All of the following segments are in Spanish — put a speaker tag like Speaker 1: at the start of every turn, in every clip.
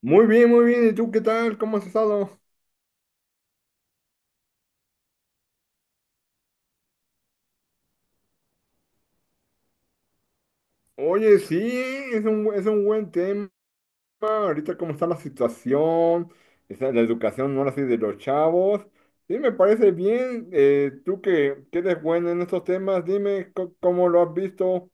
Speaker 1: Muy bien, muy bien. ¿Y tú qué tal? ¿Cómo has estado? Oye, sí, es un buen tema. Ahorita cómo está la situación, está la educación ahora sí de los chavos. Sí, me parece bien. Tú que eres bueno en estos temas, dime cómo lo has visto.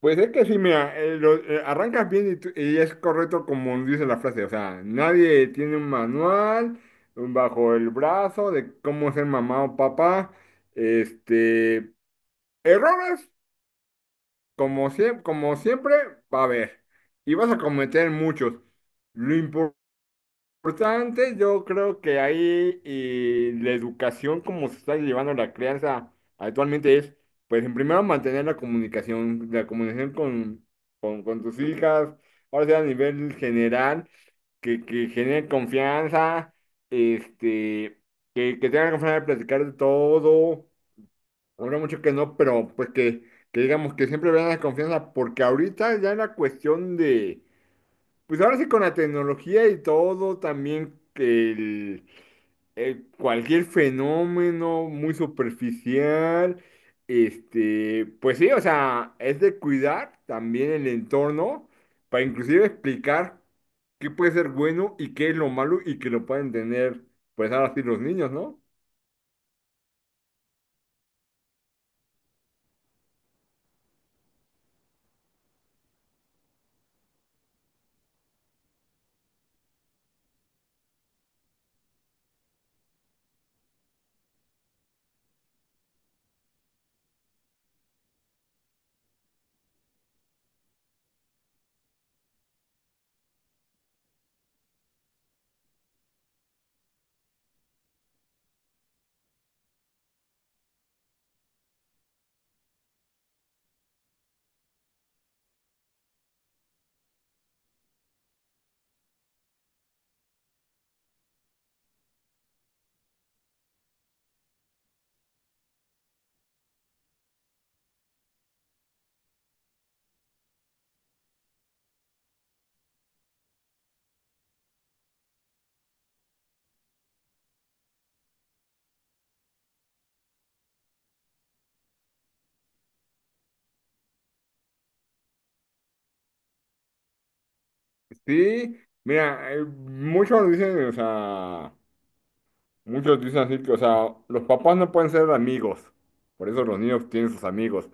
Speaker 1: Pues es que sí, mira, arrancas bien y, y es correcto como dice la frase. O sea, nadie tiene un manual bajo el brazo de cómo ser mamá o papá. Este... Errores. Como siempre, va a haber. Y vas a cometer muchos. Lo importante, yo creo que ahí y la educación, como se está llevando la crianza actualmente, es, pues, en primero mantener la comunicación con, con tus hijas, ahora sea a nivel general, que genere confianza, este, que tengan confianza de platicar de todo. Habrá mucho que no, pero pues que digamos que siempre vean la confianza, porque ahorita ya en la cuestión de, pues ahora sí con la tecnología y todo, también que el cualquier fenómeno muy superficial, pues sí, o sea, es de cuidar también el entorno para inclusive explicar qué puede ser bueno y qué es lo malo y que lo pueden tener, pues ahora sí los niños, ¿no? Sí, mira, muchos dicen, o sea, muchos dicen así que, o sea, los papás no pueden ser amigos, por eso los niños tienen sus amigos.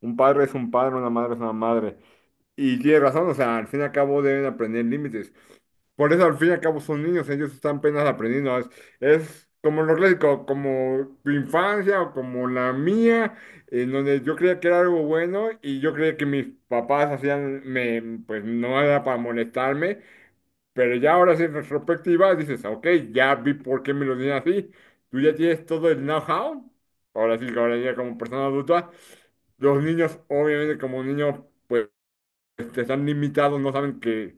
Speaker 1: Un padre es un padre, una madre es una madre. Y tiene razón, o sea, al fin y al cabo deben aprender límites. Por eso al fin y al cabo son niños, ellos están apenas aprendiendo. Es como lo clásico, como tu infancia o como la mía, en donde yo creía que era algo bueno y yo creía que mis papás hacían, me, pues no era para molestarme. Pero ya ahora sí, en retrospectiva, dices, ok, ya vi por qué me lo dicen así. Tú ya tienes todo el know-how. Ahora sí, que ahora ya como persona adulta, los niños, obviamente, como niños, están limitados, no saben que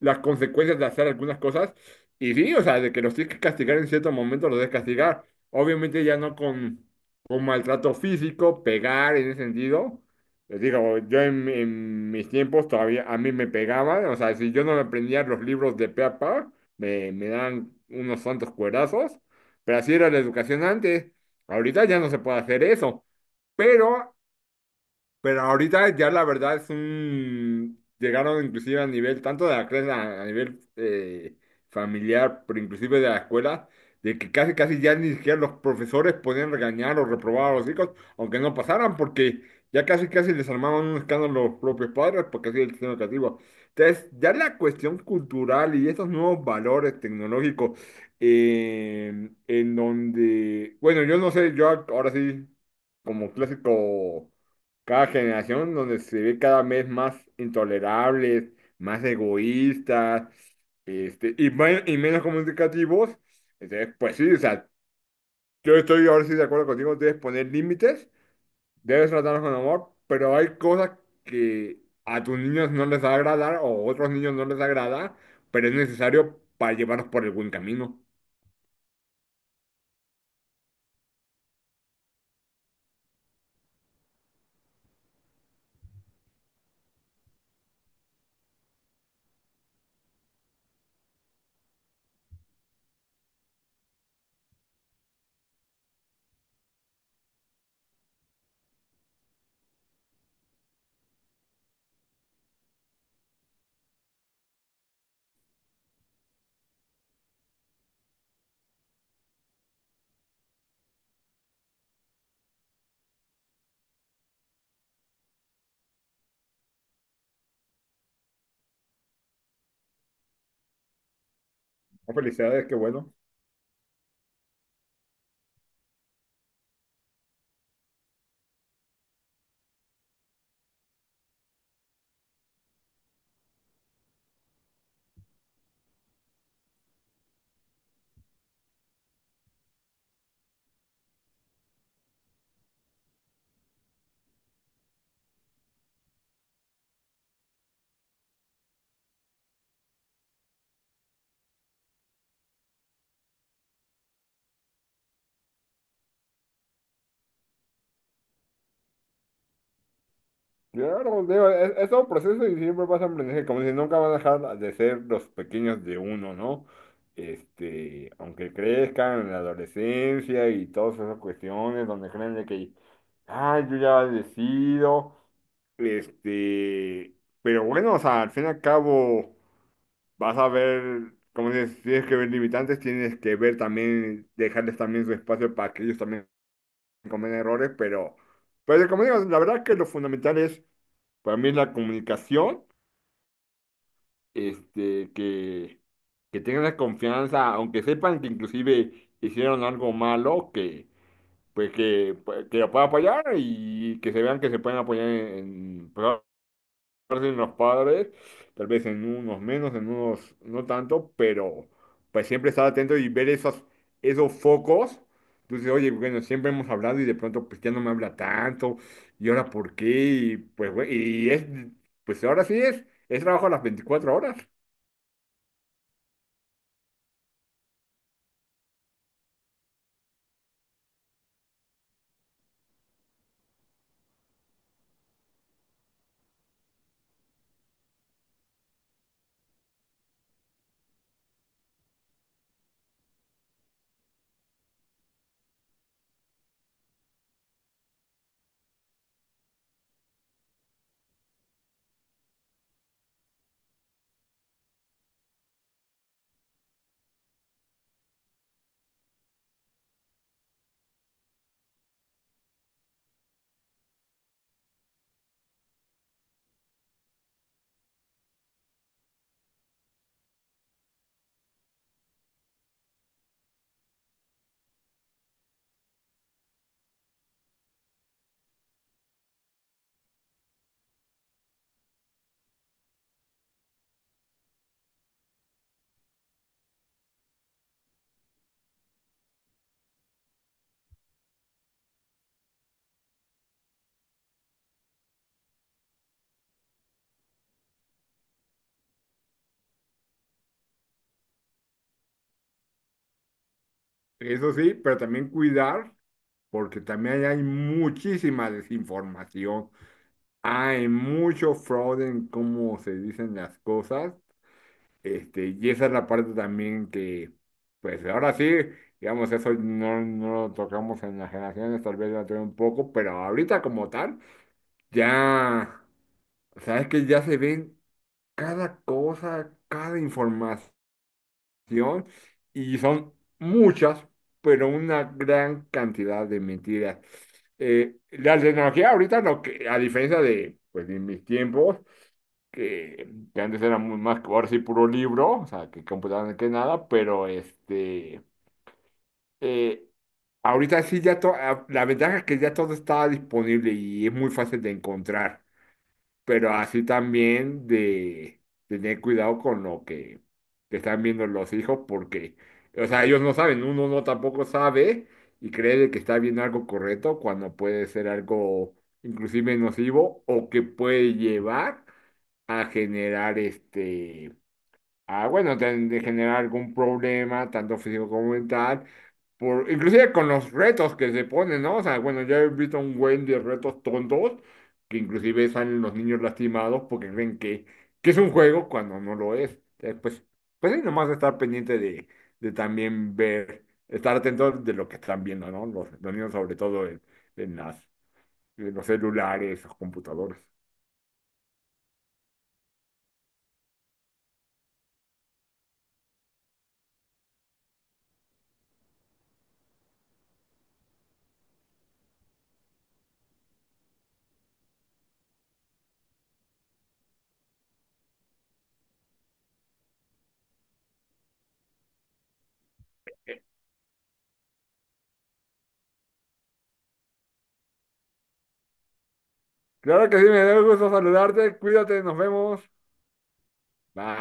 Speaker 1: las consecuencias de hacer algunas cosas. Y sí, o sea, de que los tienes que castigar en cierto momento, los debes castigar. Obviamente ya no con maltrato físico, pegar en ese sentido. Les digo, yo en mis tiempos todavía a mí me pegaban, o sea, si yo no me aprendía los libros de pe a pa, me daban unos santos cuerazos, pero así era la educación antes. Ahorita ya no se puede hacer eso, pero pero ahorita ya la verdad es un... Llegaron inclusive a nivel, tanto de la clase, a nivel familiar, pero inclusive de la escuela, de que casi casi ya ni siquiera los profesores podían regañar o reprobar a los hijos, aunque no pasaran, porque ya casi casi les armaban un escándalo los propios padres, porque así es el sistema educativo. Entonces, ya la cuestión cultural y esos nuevos valores tecnológicos, en donde, bueno, yo no sé, yo ahora sí, como clásico cada generación donde se ve cada vez más intolerables, más egoístas, y menos comunicativos. Entonces, pues sí, o sea, yo estoy ahora sí de acuerdo contigo, debes poner límites, debes tratarlos con amor, pero hay cosas que a tus niños no les va a agradar o a otros niños no les agrada, pero es necesario para llevarlos por el buen camino. Oh, felicidades, qué bueno. Claro, digo, es todo un proceso y siempre pasa a aprender como si nunca van a dejar de ser los pequeños de uno, ¿no? Aunque crezcan en la adolescencia y todas esas cuestiones donde creen de que, ay, yo ya decido, este, pero bueno, o sea, al fin y al cabo vas a ver, como dices, tienes que ver limitantes, tienes que ver también, dejarles también su espacio para que ellos también cometan errores, pero como digo, la verdad que lo fundamental es para mí es la comunicación, este, que, que tengan la confianza, aunque sepan que inclusive hicieron algo malo, que pues que, pues, que lo puedan apoyar y que se vean que se pueden apoyar en, parte en los padres, tal vez en unos menos, en unos no tanto, pero pues siempre estar atento y ver esos focos. Entonces, oye, bueno, siempre hemos hablado y de pronto pues ya no me habla tanto, y ahora por qué, y pues güey, pues ahora sí es trabajo a las 24 horas. Eso sí, pero también cuidar, porque también ahí hay muchísima desinformación, hay mucho fraude en cómo se dicen las cosas. Y esa es la parte también que, pues ahora sí, digamos, eso no, no lo tocamos en las generaciones, tal vez la tuve un poco, pero ahorita como tal, ya, o sea, es que ya se ven cada cosa, cada información, y son muchas, pero una gran cantidad de mentiras. La tecnología ahorita, lo que, a diferencia de, pues, de mis tiempos, que antes era muy más, ahora sí puro libro, o sea, que computaban que nada, pero eh, ahorita sí ya todo, la ventaja es que ya todo está disponible y es muy fácil de encontrar, pero así también de tener cuidado con lo que te están viendo los hijos, porque, o sea, ellos no saben, uno no tampoco sabe y cree de que está viendo algo correcto cuando puede ser algo inclusive nocivo o que puede llevar a generar a, bueno, de generar algún problema, tanto físico como mental, por, inclusive con los retos que se ponen, ¿no? O sea, bueno, ya he visto un buen de retos tontos, que inclusive salen los niños lastimados porque creen que es un juego cuando no lo es. Entonces, pues, pues sí, nomás estar pendiente de también ver, estar atento de lo que están viendo, ¿no? Los niños sobre todo en las, en los celulares, los computadores. Claro que sí, me dio gusto saludarte. Cuídate, nos vemos. Bye.